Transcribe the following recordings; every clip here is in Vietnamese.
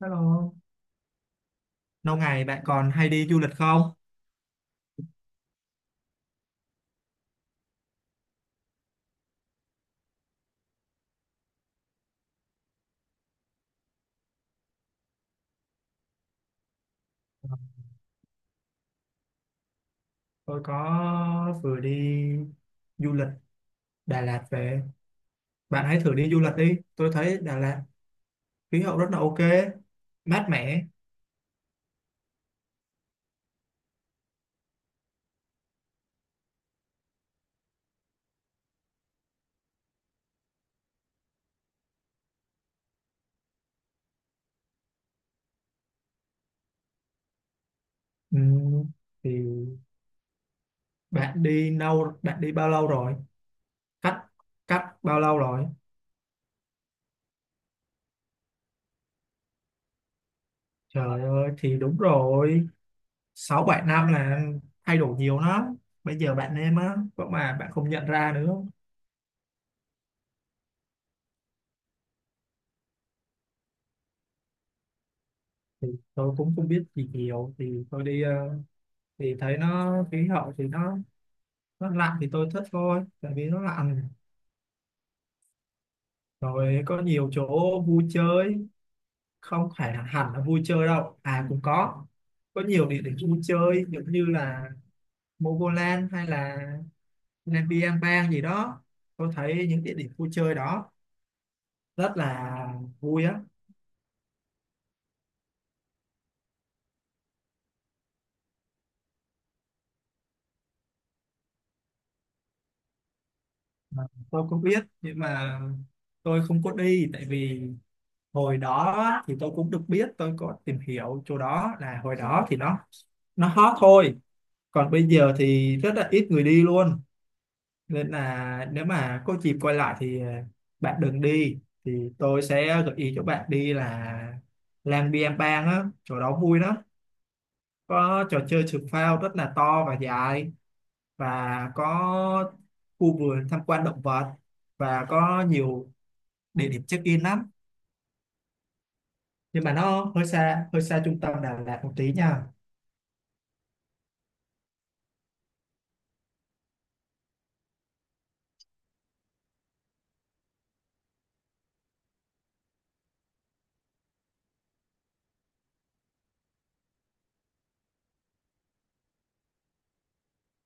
Hello, lâu ngày bạn còn hay đi du lịch không? Tôi có vừa đi du lịch Đà Lạt về. Bạn hãy thử đi du lịch đi. Tôi thấy Đà Lạt khí hậu rất là ok, mát mẻ. Ừm, thì bạn đi bao lâu rồi? Cách cách bao lâu rồi? Trời ơi, thì đúng rồi, sáu bảy năm là thay đổi nhiều lắm. Bây giờ bạn em á có mà bạn không nhận ra nữa. Thì tôi cũng không biết gì nhiều. Thì tôi đi, thì thấy nó khí hậu, thì nó lạnh thì tôi thích thôi, tại vì nó lạnh. Rồi có nhiều chỗ vui chơi. Không phải là hẳn là vui chơi đâu à, cũng có nhiều địa điểm vui chơi, giống như là Mogoland hay là nên đi bang gì đó. Tôi thấy những địa điểm vui chơi đó rất là vui á. Mà tôi cũng biết nhưng mà tôi không có đi, tại vì hồi đó thì tôi cũng được biết, tôi có tìm hiểu chỗ đó là hồi đó thì nó hot thôi. Còn bây giờ thì rất là ít người đi luôn, nên là nếu mà có dịp quay lại thì bạn đừng đi. Thì tôi sẽ gợi ý cho bạn đi là Lang Biang Bang á, chỗ đó vui lắm, có trò chơi trượt phao rất là to và dài, và có khu vườn tham quan động vật, và có nhiều địa điểm check in lắm. Nhưng mà nó hơi xa, hơi xa trung tâm Đà Lạt một tí nha.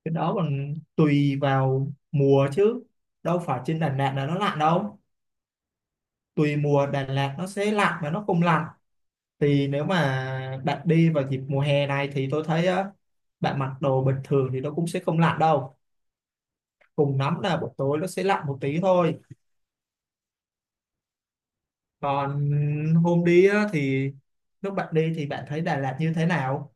Cái đó còn tùy vào mùa chứ, đâu phải trên Đà Lạt là nó lạnh đâu. Tùy mùa, Đà Lạt nó sẽ lạnh và nó không lạnh. Thì nếu mà bạn đi vào dịp mùa hè này thì tôi thấy á, bạn mặc đồ bình thường thì nó cũng sẽ không lạnh đâu. Cùng lắm là buổi tối nó sẽ lạnh một tí thôi. Còn hôm đi á, thì lúc bạn đi thì bạn thấy Đà Lạt như thế nào?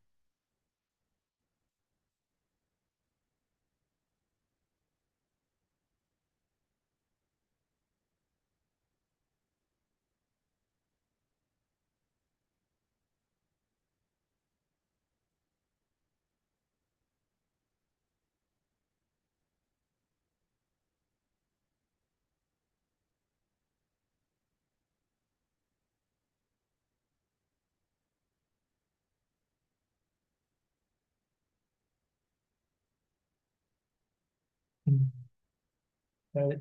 Ừ. Đấy,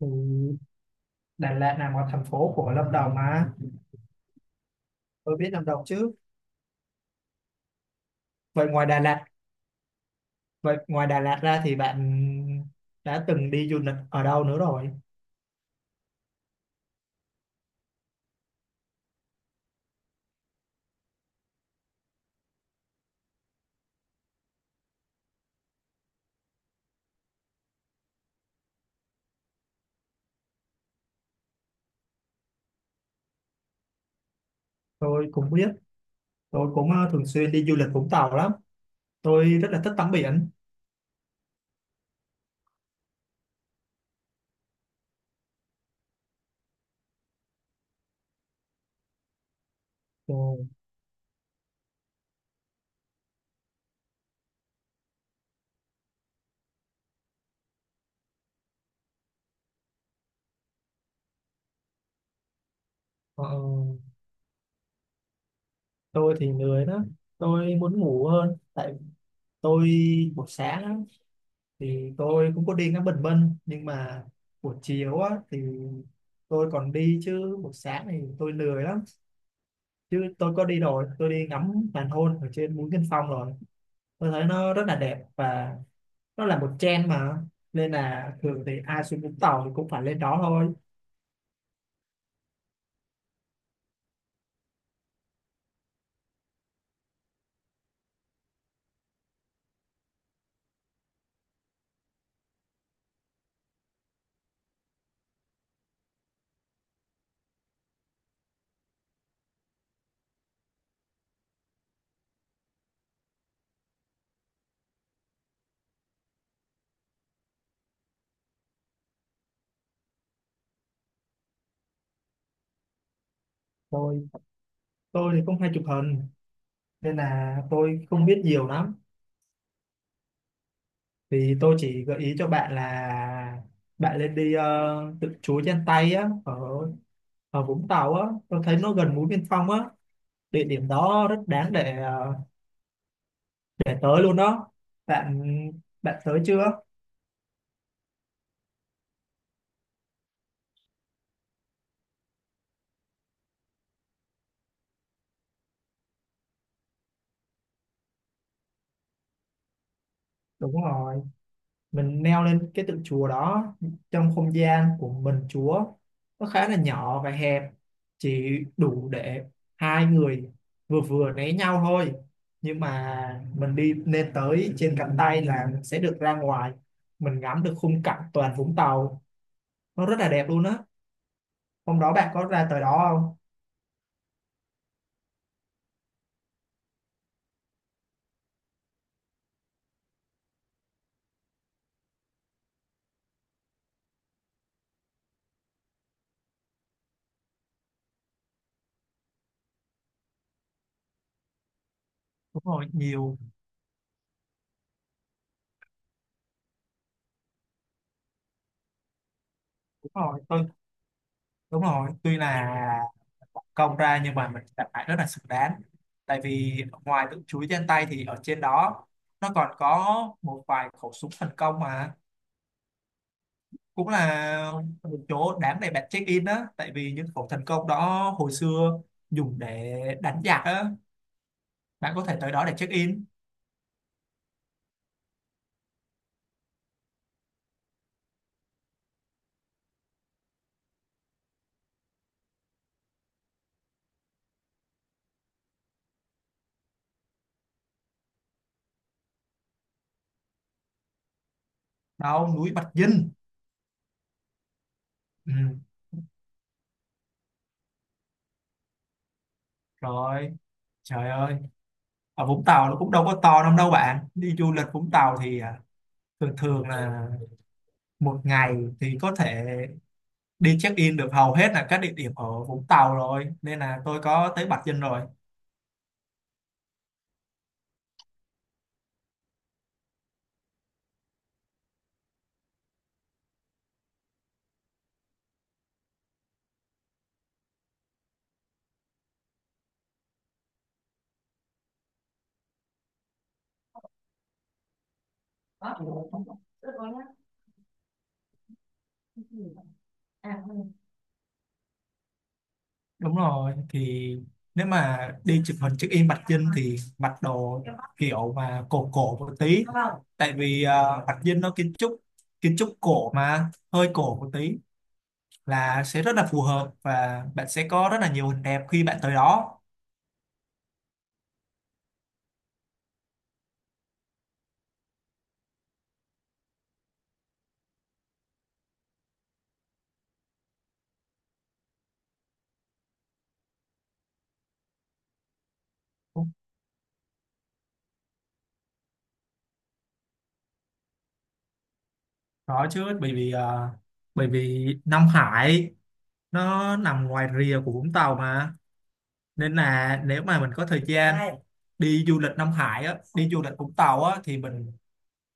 thì Đà Lạt nằm ở thành phố của Lâm Đồng mà, tôi biết Lâm Đồng chứ. vậy ngoài Đà Lạt Vậy ngoài Đà Lạt ra thì bạn đã từng đi du lịch ở đâu nữa rồi? Tôi cũng biết. Tôi cũng thường xuyên đi du lịch Vũng Tàu lắm. Tôi rất là thích tắm biển. Ừ. ờ, ờ. Tôi thì lười đó, tôi muốn ngủ hơn. Tại tôi buổi sáng á, thì tôi cũng có đi ngắm bình minh, nhưng mà buổi chiều á thì tôi còn đi, chứ buổi sáng thì tôi lười lắm. Chứ tôi có đi rồi, tôi đi ngắm hoàng hôn ở trên mũi Kinh Phong rồi. Tôi thấy nó rất là đẹp, và nó là một trend mà, nên là thường thì ai xuống Vũng Tàu thì cũng phải lên đó thôi. Tôi tôi thì cũng hay chụp hình, nên là tôi không biết nhiều lắm. Thì tôi chỉ gợi ý cho bạn là bạn lên đi, tự chuối trên tay á, ở ở Vũng Tàu á, tôi thấy nó gần mũi Biên Phong á. Địa điểm đó rất đáng để tới luôn đó. Bạn bạn tới chưa? Đúng rồi, mình leo lên cái tượng chùa đó, trong không gian của mình chúa nó khá là nhỏ và hẹp, chỉ đủ để hai người vừa vừa né nhau thôi. Nhưng mà mình đi lên tới trên cánh tay là mình sẽ được ra ngoài, mình ngắm được khung cảnh toàn Vũng Tàu, nó rất là đẹp luôn á. Hôm đó bạn có ra tới đó không? Đúng rồi, nhiều. Đúng rồi, đúng rồi, tuy là công ra nhưng mà mình cảm thấy rất là xứng đáng. Tại vì ngoài tự chuối trên tay thì ở trên đó nó còn có một vài khẩu súng thần công, mà cũng là một chỗ đáng để bạn check in á, tại vì những khẩu thần công đó hồi xưa dùng để đánh giặc á. Bạn có thể tới đó để check in. Đâu, núi Bạch Dinh. Ừ, rồi, trời ơi, ở Vũng Tàu nó cũng đâu có to lắm đâu, bạn đi du lịch Vũng Tàu thì thường thường là một ngày thì có thể đi check in được hầu hết là các địa điểm ở Vũng Tàu rồi, nên là tôi có tới Bạch Dinh rồi. À, đúng rồi, thì nếu mà đi chụp hình check in Bạch Dinh thì mặc đồ kiểu mà cổ cổ một tí, tại vì Bạch Dinh nó kiến trúc cổ mà hơi cổ một tí là sẽ rất là phù hợp, và bạn sẽ có rất là nhiều hình đẹp khi bạn tới đó. Đó chứ, bởi vì bởi vì Nam Hải nó nằm ngoài rìa của Vũng Tàu mà, nên là nếu mà mình có thời gian đi du lịch Nam Hải á, đi du lịch Vũng Tàu á thì mình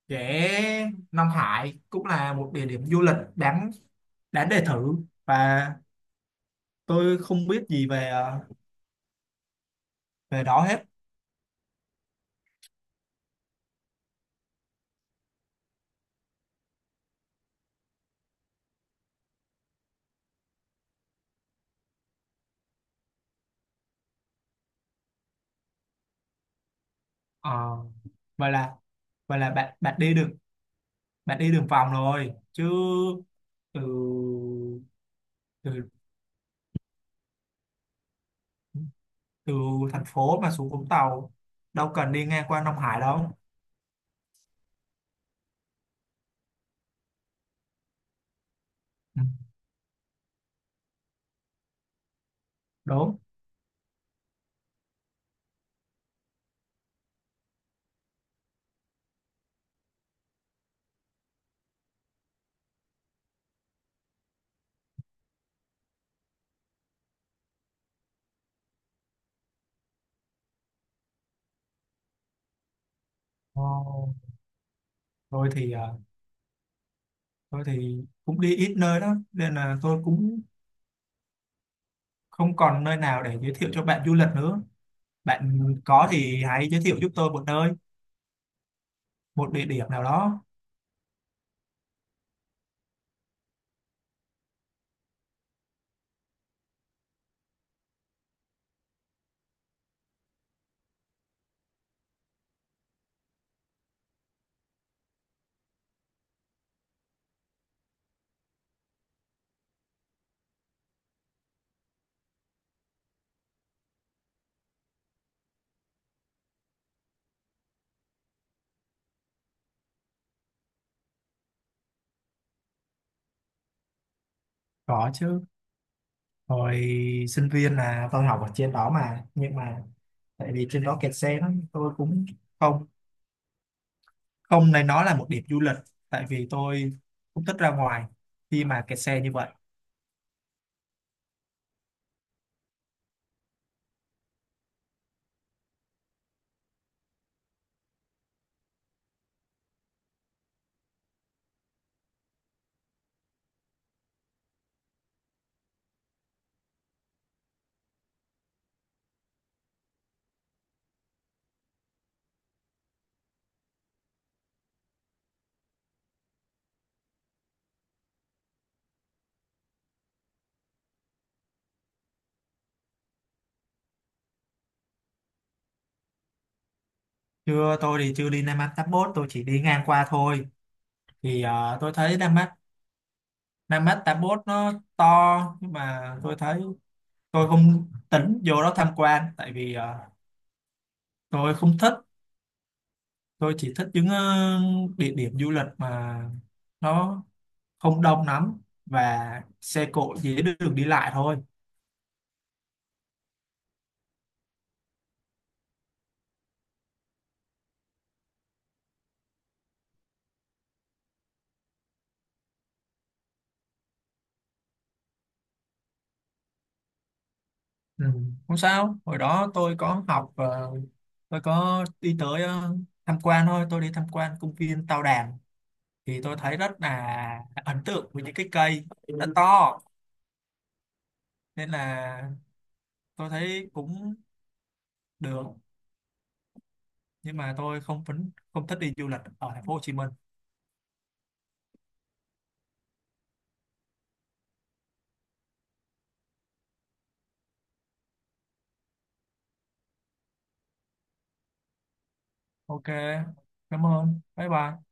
sẽ. Nam Hải cũng là một địa điểm du lịch đáng đáng để thử. Và tôi không biết gì về, về đó hết. Ờ, vậy là vậy là bạn bạn đi đường vòng rồi chứ? Từ từ từ thành phố mà xuống Vũng Tàu, đâu cần đi ngang qua Nam Hải đâu. Ừ. Đúng. Ờ, Rồi thì, tôi thì cũng đi ít nơi đó, nên là tôi cũng không còn nơi nào để giới thiệu cho bạn du lịch nữa. Bạn có thì hãy giới thiệu giúp tôi một nơi, một địa điểm nào đó. Có chứ. Hồi sinh viên là tôi học ở trên đó mà, nhưng mà tại vì trên đó kẹt xe lắm, tôi cũng không không nên nói là một điểm du lịch, tại vì tôi cũng thích ra ngoài khi mà kẹt xe như vậy. Chưa, tôi thì chưa đi Nam An Tháp Bốt, tôi chỉ đi ngang qua thôi. Thì tôi thấy Nam Nam Mách 81 nó to, nhưng mà tôi thấy tôi không tính vô đó tham quan, tại vì tôi không thích. Tôi chỉ thích những, địa điểm du lịch mà nó không đông lắm, và xe cộ dễ đường đi lại thôi. Ừ. Không sao, hồi đó tôi có học, tôi có đi tới, tham quan thôi, tôi đi tham quan công viên Tao Đàn. Thì tôi thấy rất là ấn tượng với những cái cây nó to, nên là tôi thấy cũng được, nhưng mà tôi không thích đi du lịch ở thành phố Hồ Chí Minh. Ok, cảm ơn, bye bye.